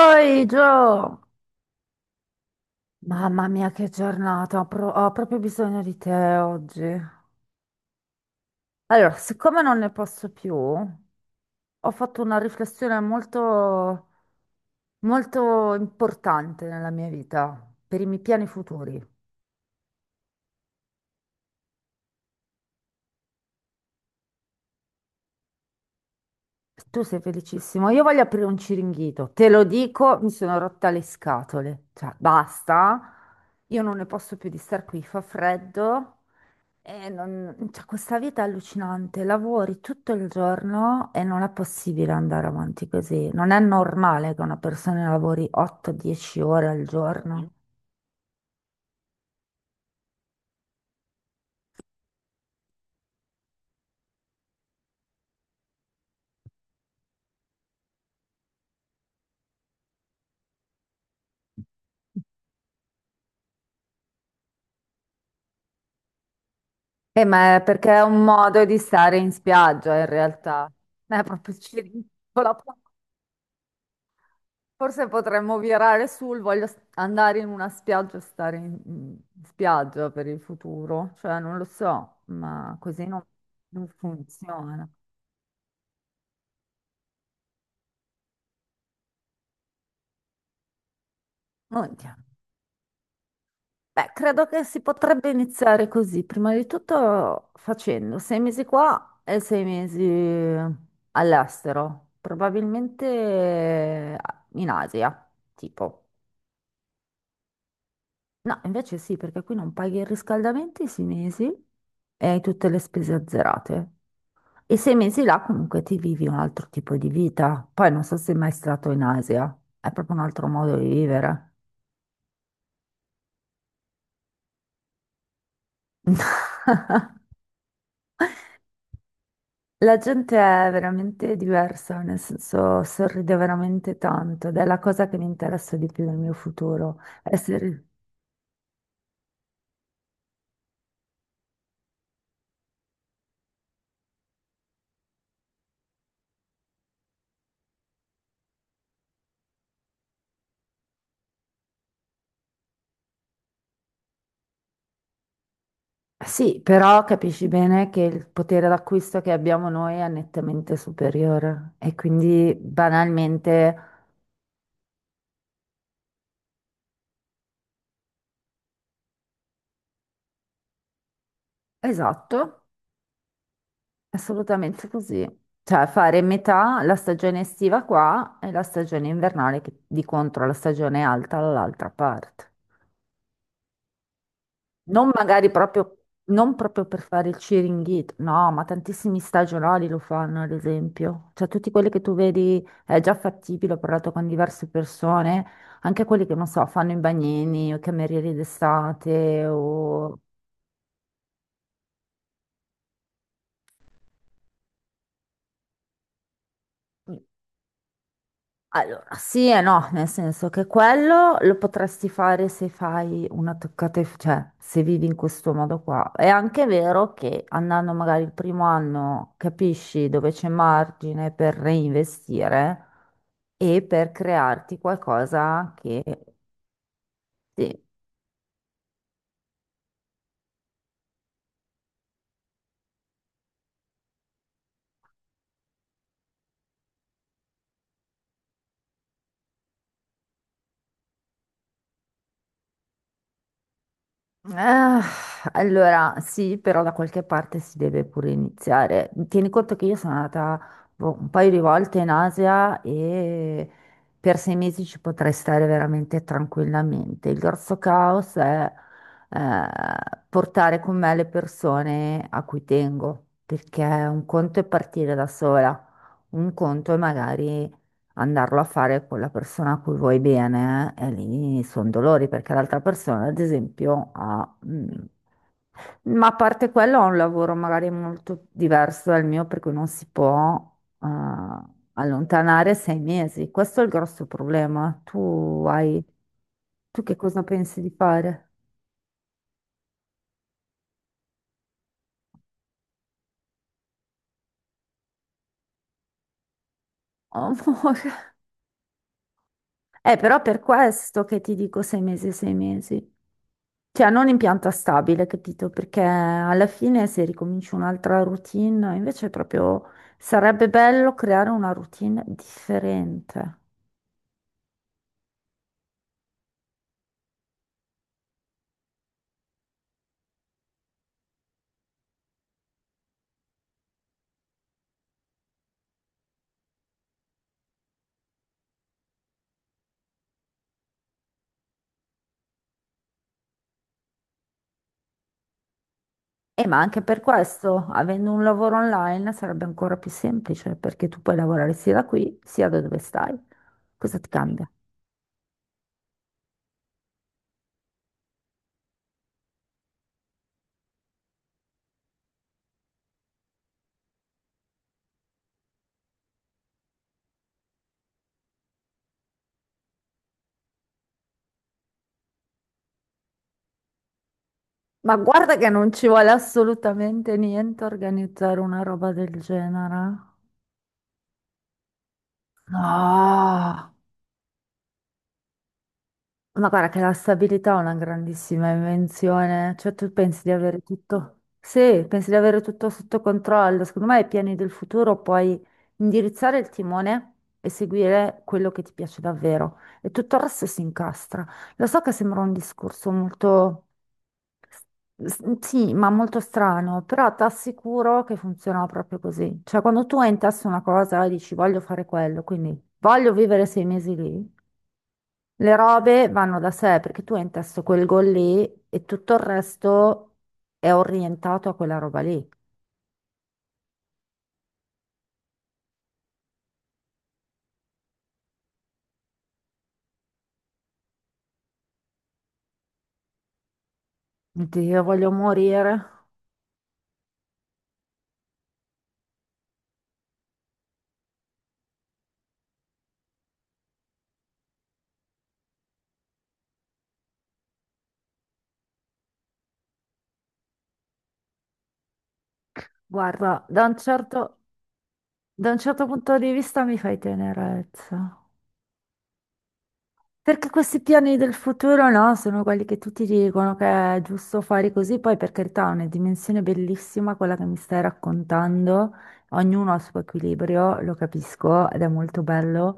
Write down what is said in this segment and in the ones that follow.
Oi Gio! Mamma mia che giornata, ho proprio bisogno di te oggi. Allora, siccome non ne posso più, ho fatto una riflessione molto, molto importante nella mia vita, per i miei piani futuri. Tu sei felicissimo, io voglio aprire un ciringhito, te lo dico, mi sono rotta le scatole, cioè basta, io non ne posso più di star qui, fa freddo. Cioè, questa vita è allucinante, lavori tutto il giorno e non è possibile andare avanti così. Non è normale che una persona lavori 8-10 ore al giorno. Ma è perché è un modo di stare in spiaggia in realtà. Proprio ci rincola. Forse potremmo virare sul voglio andare in una spiaggia e stare in spiaggia per il futuro. Cioè, non lo so, ma così non funziona. Oddio. Beh, credo che si potrebbe iniziare così, prima di tutto facendo 6 mesi qua e 6 mesi all'estero, probabilmente in Asia, tipo. No, invece sì, perché qui non paghi il riscaldamento i 6 mesi e hai tutte le spese azzerate. E 6 mesi là comunque ti vivi un altro tipo di vita. Poi non so se sei mai stato in Asia, è proprio un altro modo di vivere. La gente è veramente diversa, nel senso sorride veramente tanto ed è la cosa che mi interessa di più nel mio futuro. Essere... Sì, però capisci bene che il potere d'acquisto che abbiamo noi è nettamente superiore e quindi banalmente, esatto, assolutamente così. Cioè fare metà la stagione estiva qua e la stagione invernale che di contro la stagione alta dall'altra parte. Non magari proprio, non proprio per fare il cheeringhito, no, ma tantissimi stagionali lo fanno, ad esempio. Cioè, tutti quelli che tu vedi è già fattibile, ho parlato con diverse persone, anche quelli che, non so, fanno i bagnini o i camerieri d'estate o... Allora, sì e no, nel senso che quello lo potresti fare se fai una toccata, cioè se vivi in questo modo qua. È anche vero che andando magari il primo anno capisci dove c'è margine per reinvestire e per crearti qualcosa che sì. Ah, allora, sì, però da qualche parte si deve pure iniziare. Tieni conto che io sono andata boh, un paio di volte in Asia e per 6 mesi ci potrei stare veramente tranquillamente. Il grosso caos è eh, portare con me le persone a cui tengo, perché un conto è partire da sola, un conto è magari andarlo a fare con la persona a cui vuoi bene, e lì sono dolori perché l'altra persona, ad esempio, ha... ma a parte quello ha un lavoro magari molto diverso dal mio, per cui non si può eh, allontanare 6 mesi. Questo è il grosso problema. Tu hai... Tu che cosa pensi di fare? Oh, Amore. Però per questo che ti dico 6 mesi, 6 mesi. Cioè, non in pianta stabile, capito? Perché alla fine se ricominci un'altra routine, invece proprio sarebbe bello creare una routine differente. E ma anche per questo, avendo un lavoro online, sarebbe ancora più semplice, perché tu puoi lavorare sia da qui, sia da dove stai. Cosa ti cambia? Ma guarda che non ci vuole assolutamente niente a organizzare una roba del genere. No. Ma guarda che la stabilità è una grandissima invenzione, cioè tu pensi di avere tutto, sì, pensi di avere tutto sotto controllo, secondo me ai piani del futuro puoi indirizzare il timone e seguire quello che ti piace davvero e tutto il resto si incastra. Lo so che sembra un discorso molto, sì, ma molto strano, però ti assicuro che funziona proprio così, cioè quando tu hai in testa una cosa e dici voglio fare quello, quindi voglio vivere 6 mesi lì. Le robe vanno da sé perché tu hai in testa quel gol lì e tutto il resto è orientato a quella roba lì. Dio, voglio morire. Guarda, da un certo punto di vista mi fai tenerezza. Perché questi piani del futuro, no, sono quelli che tutti dicono che è giusto fare così, poi per carità è una dimensione bellissima quella che mi stai raccontando, ognuno ha il suo equilibrio, lo capisco ed è molto bello.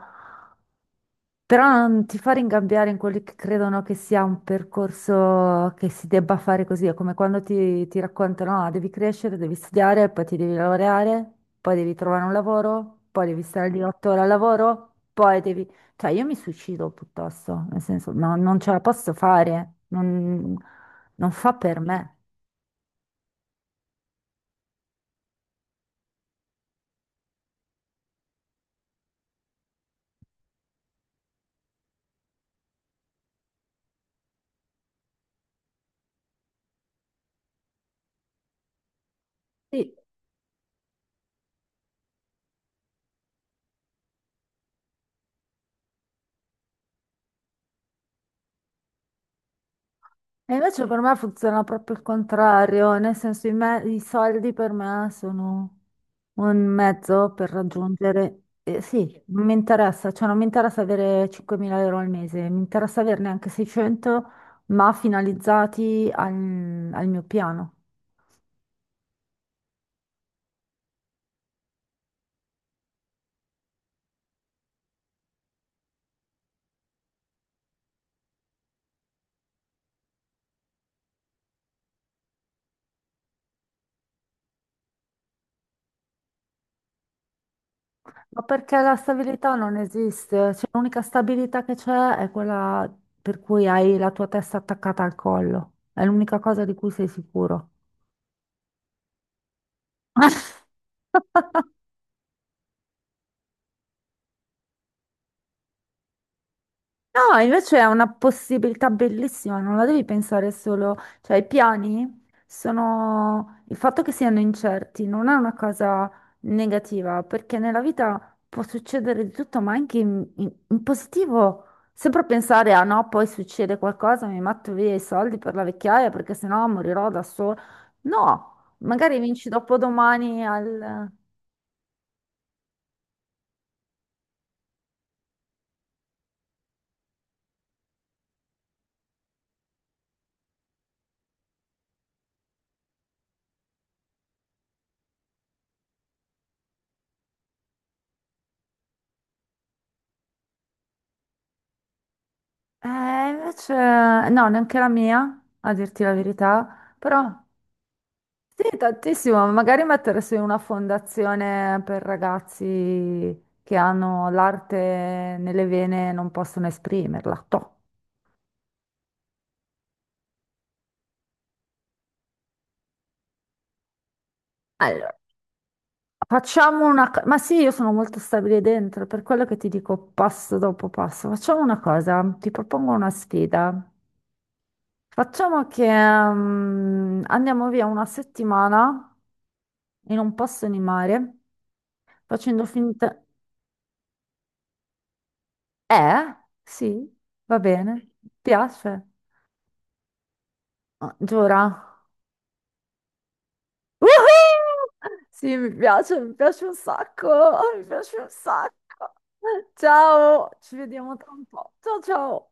Però non ti fa ringabbiare in quelli che credono che sia un percorso che si debba fare così, è come quando ti raccontano, ah, devi crescere, devi studiare, poi ti devi laureare, poi devi trovare un lavoro, poi devi stare lì 8 ore al lavoro, poi devi... Cioè, io mi suicido piuttosto, nel senso, no, non ce la posso fare, non, non fa per me. Sì. E invece per me funziona proprio il contrario, nel senso, i soldi per me sono... Un mezzo per raggiungere... sì, non mi interessa, cioè non mi interessa avere 5.000 euro al mese, mi interessa averne anche 600, ma finalizzati al mio piano. Ma perché la stabilità non esiste? Cioè, l'unica stabilità che c'è è quella per cui hai la tua testa attaccata al collo. È l'unica cosa di cui sei sicuro. No, invece è una possibilità bellissima, non la devi pensare solo, cioè i piani sono il fatto che siano incerti non è una cosa negativa, perché nella vita può succedere di tutto, ma anche in positivo. Sempre pensare a no, poi succede qualcosa, mi metto via i soldi per la vecchiaia perché sennò morirò da sola. No, magari vinci dopodomani al... Eh, invece no, neanche la mia, a dirti la verità, però... Sì, tantissimo, magari mettersi in una fondazione per ragazzi che hanno l'arte nelle vene e non possono esprimerla. Toh. Allora, facciamo una cosa, ma sì, io sono molto stabile dentro, per quello che ti dico passo dopo passo. Facciamo una cosa, ti propongo una sfida. Facciamo che andiamo via una settimana in un posto di mare, facendo finta... Eh? Sì, va bene, piace. Ah, Giura? Woohoo! Sì, mi piace un sacco, mi piace un sacco. Ciao, ci vediamo tra un po'. Ciao ciao.